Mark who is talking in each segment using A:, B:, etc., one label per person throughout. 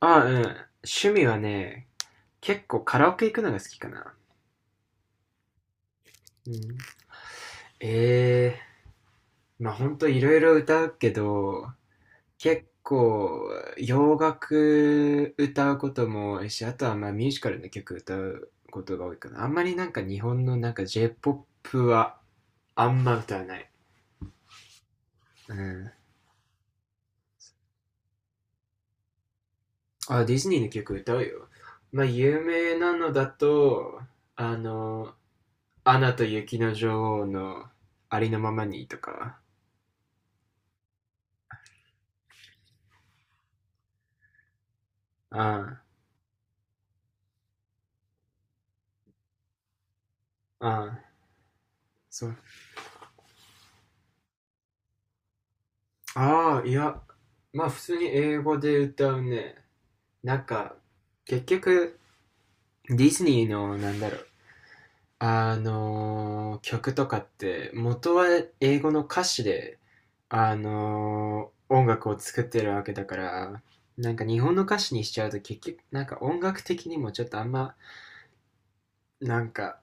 A: あ、うん。趣味はね、結構カラオケ行くのが好きかな。うん、ええ、まあほんといろいろ歌うけど、結構洋楽歌うことも多いし、あとはまあミュージカルの曲歌うことが多いかな。あんまりなんか日本のなんか J-POP はあんま歌わない。うん。あ、ディズニーの曲歌うよ。まあ有名なのだと、あの、アナと雪の女王のありのままにとか、うん。ああ、そう。ああ、いや、まあ普通に英語で歌うね。なんか、結局、ディズニーの、なんだろう、曲とかって、元は英語の歌詞で、音楽を作ってるわけだから、なんか日本の歌詞にしちゃうと結局、なんか音楽的にもちょっとあんま、なんか、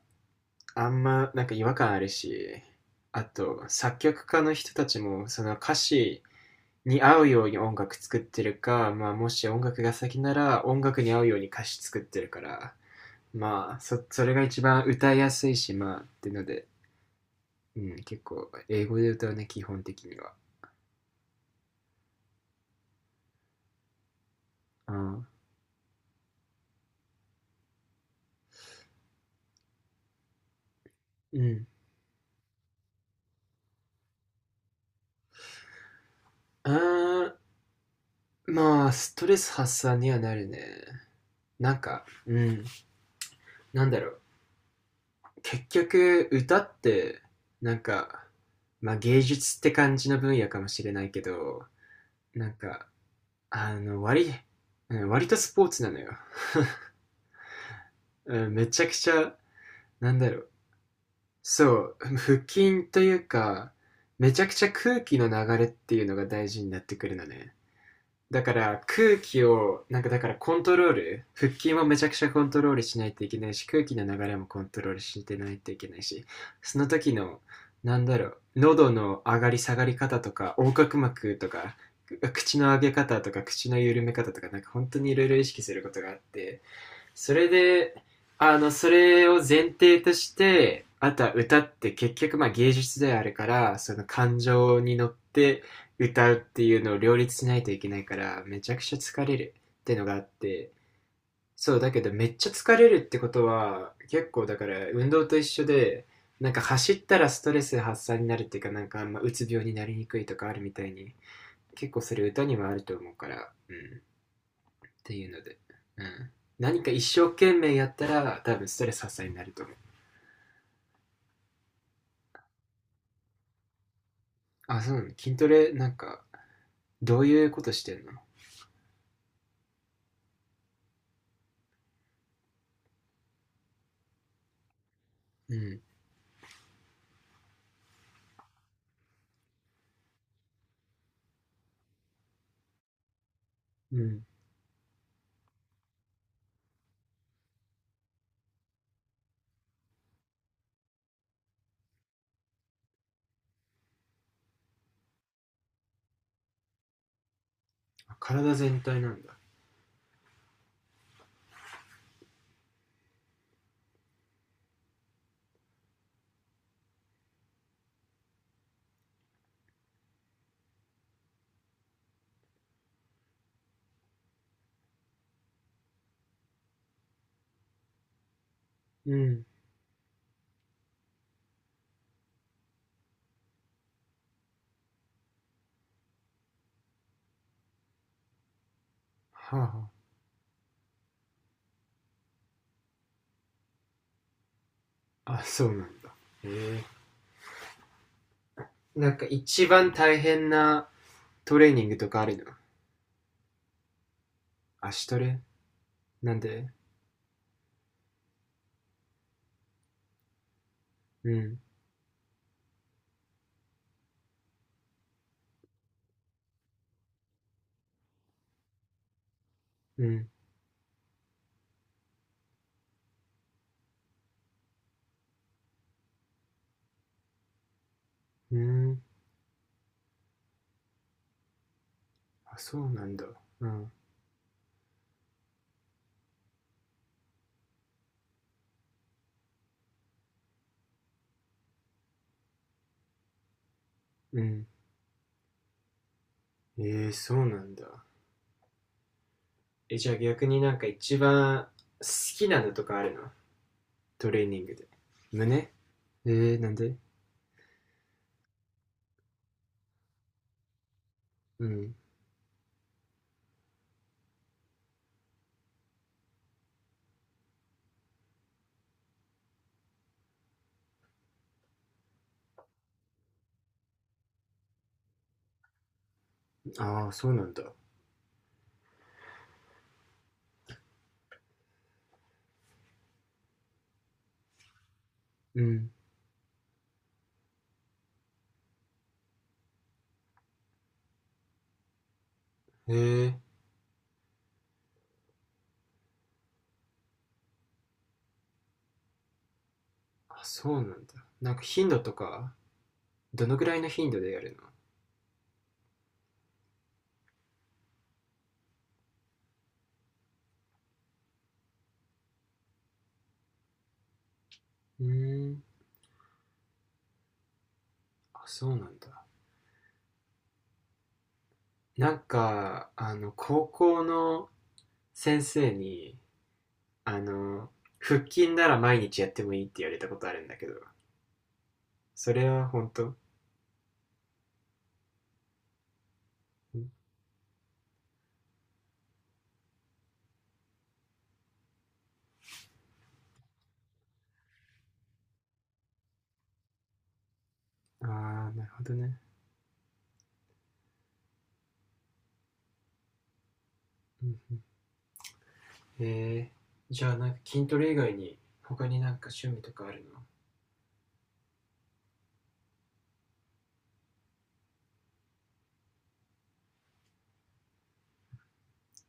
A: あんま、なんか違和感あるし、あと、作曲家の人たちも、その歌詞に合うように音楽作ってるか、まあ、もし音楽が先なら音楽に合うように歌詞作ってるから、まあ、それが一番歌いやすいし、まあ、ってので、うん、結構英語で歌うね、基本的には。うん。うん。あ、まあ、ストレス発散にはなるね。なんか、うん、なんだろう。結局、歌って、なんか、まあ芸術って感じの分野かもしれないけど、なんか、あの、割割とスポーツなのよ。うんめちゃくちゃ、なんだろう。そう、腹筋というか、めちゃくちゃ空気の流れっていうのが大事になってくるのね。だから空気を、なんかだからコントロール、腹筋もめちゃくちゃコントロールしないといけないし、空気の流れもコントロールしてないといけないし、その時の、なんだろう、喉の上がり下がり方とか、横隔膜とか、口の上げ方とか、口の緩め方とか、なんか本当にいろいろ意識することがあって、それで、あの、それを前提として、あとは歌って結局まあ芸術であるから、その感情に乗って歌うっていうのを両立しないといけないから、めちゃくちゃ疲れるってのがあって、そう、だけどめっちゃ疲れるってことは、結構だから運動と一緒で、なんか走ったらストレス発散になるっていうか、なんかあんまうつ病になりにくいとかあるみたいに、結構それ歌にもあると思うから、うん。っていうので、うん、何か一生懸命やったら多分ストレス発散になると思う。あ、そうなのね。筋トレなんかどういうことしてんの？うんうん。体全体なんだ。うん。はは。あ、あそうなんだ。へえ。なんか一番大変なトレーニングとかあるの？足トレ？なんで？うんうん。うん。あ、そうなんだ。うん。うん。えー、そうなんだ。え、じゃあ逆になんか一番好きなのとかあるの？トレーニングで。胸？えー、なんで？うん。ああ、そうなんだ。うん。えー、あ、そうなんだ。なんか頻度とか？どのぐらいの頻度でやるの？うーん。あ、そうなんだ。なんかあの高校の先生にあの腹筋なら毎日やってもいいって言われたことあるんだけど、それは本当？うん。ああ、なるほどね。うん。えー、じゃあなんか筋トレ以外に他になんか趣味とかあるの？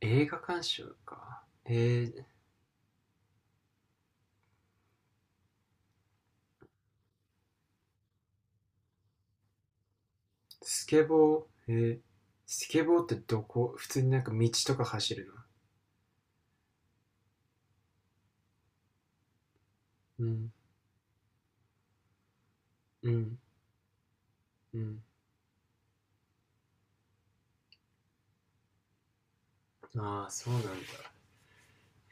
A: 映画鑑賞か。えー、スケボー、えー、スケボーってどこ普通になんか道とか走るの？うん、うん、うん。ああ、そうなんだ。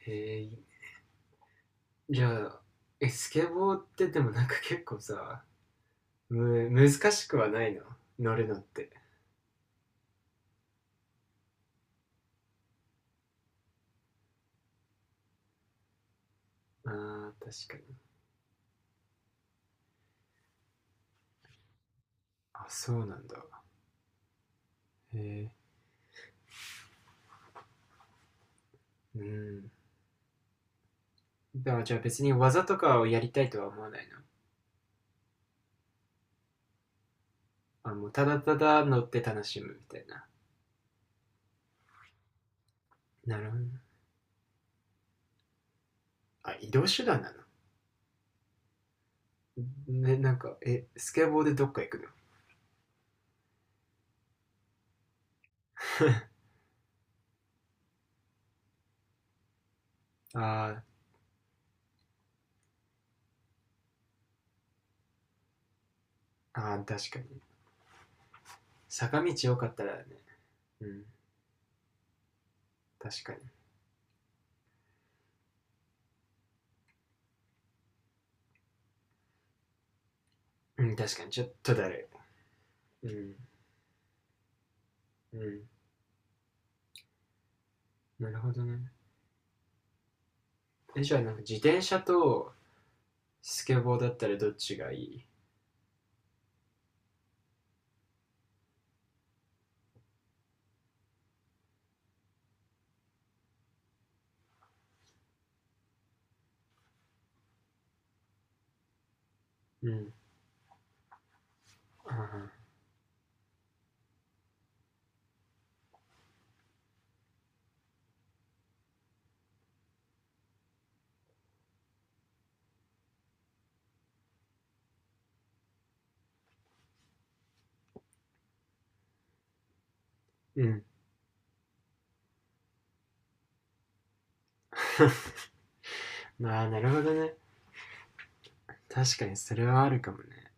A: えー、じゃあ、え、スケボーってでもなんか結構さ、む、難しくはないの？乗るのって。ああ、確かに。あ、そうなんだ。えー、うん。だからじゃあ別に技とかをやりたいとは思わないの？あ、もうただただ乗って楽しむみたいな。なるほどね。あ、移動手段なの？ね、なんか、え、スケボーでどっか行くの？ あー。あー、確かに。坂道よかったらね。うん、確かに。うん、確かに。ちょっとだるい。うん、うん。なるほどね。え、じゃあ、なんか自転車とスケボーだったらどっちがいい？うん。ああ、うん。まあ、なるほどね。確かに、それはあるかもね。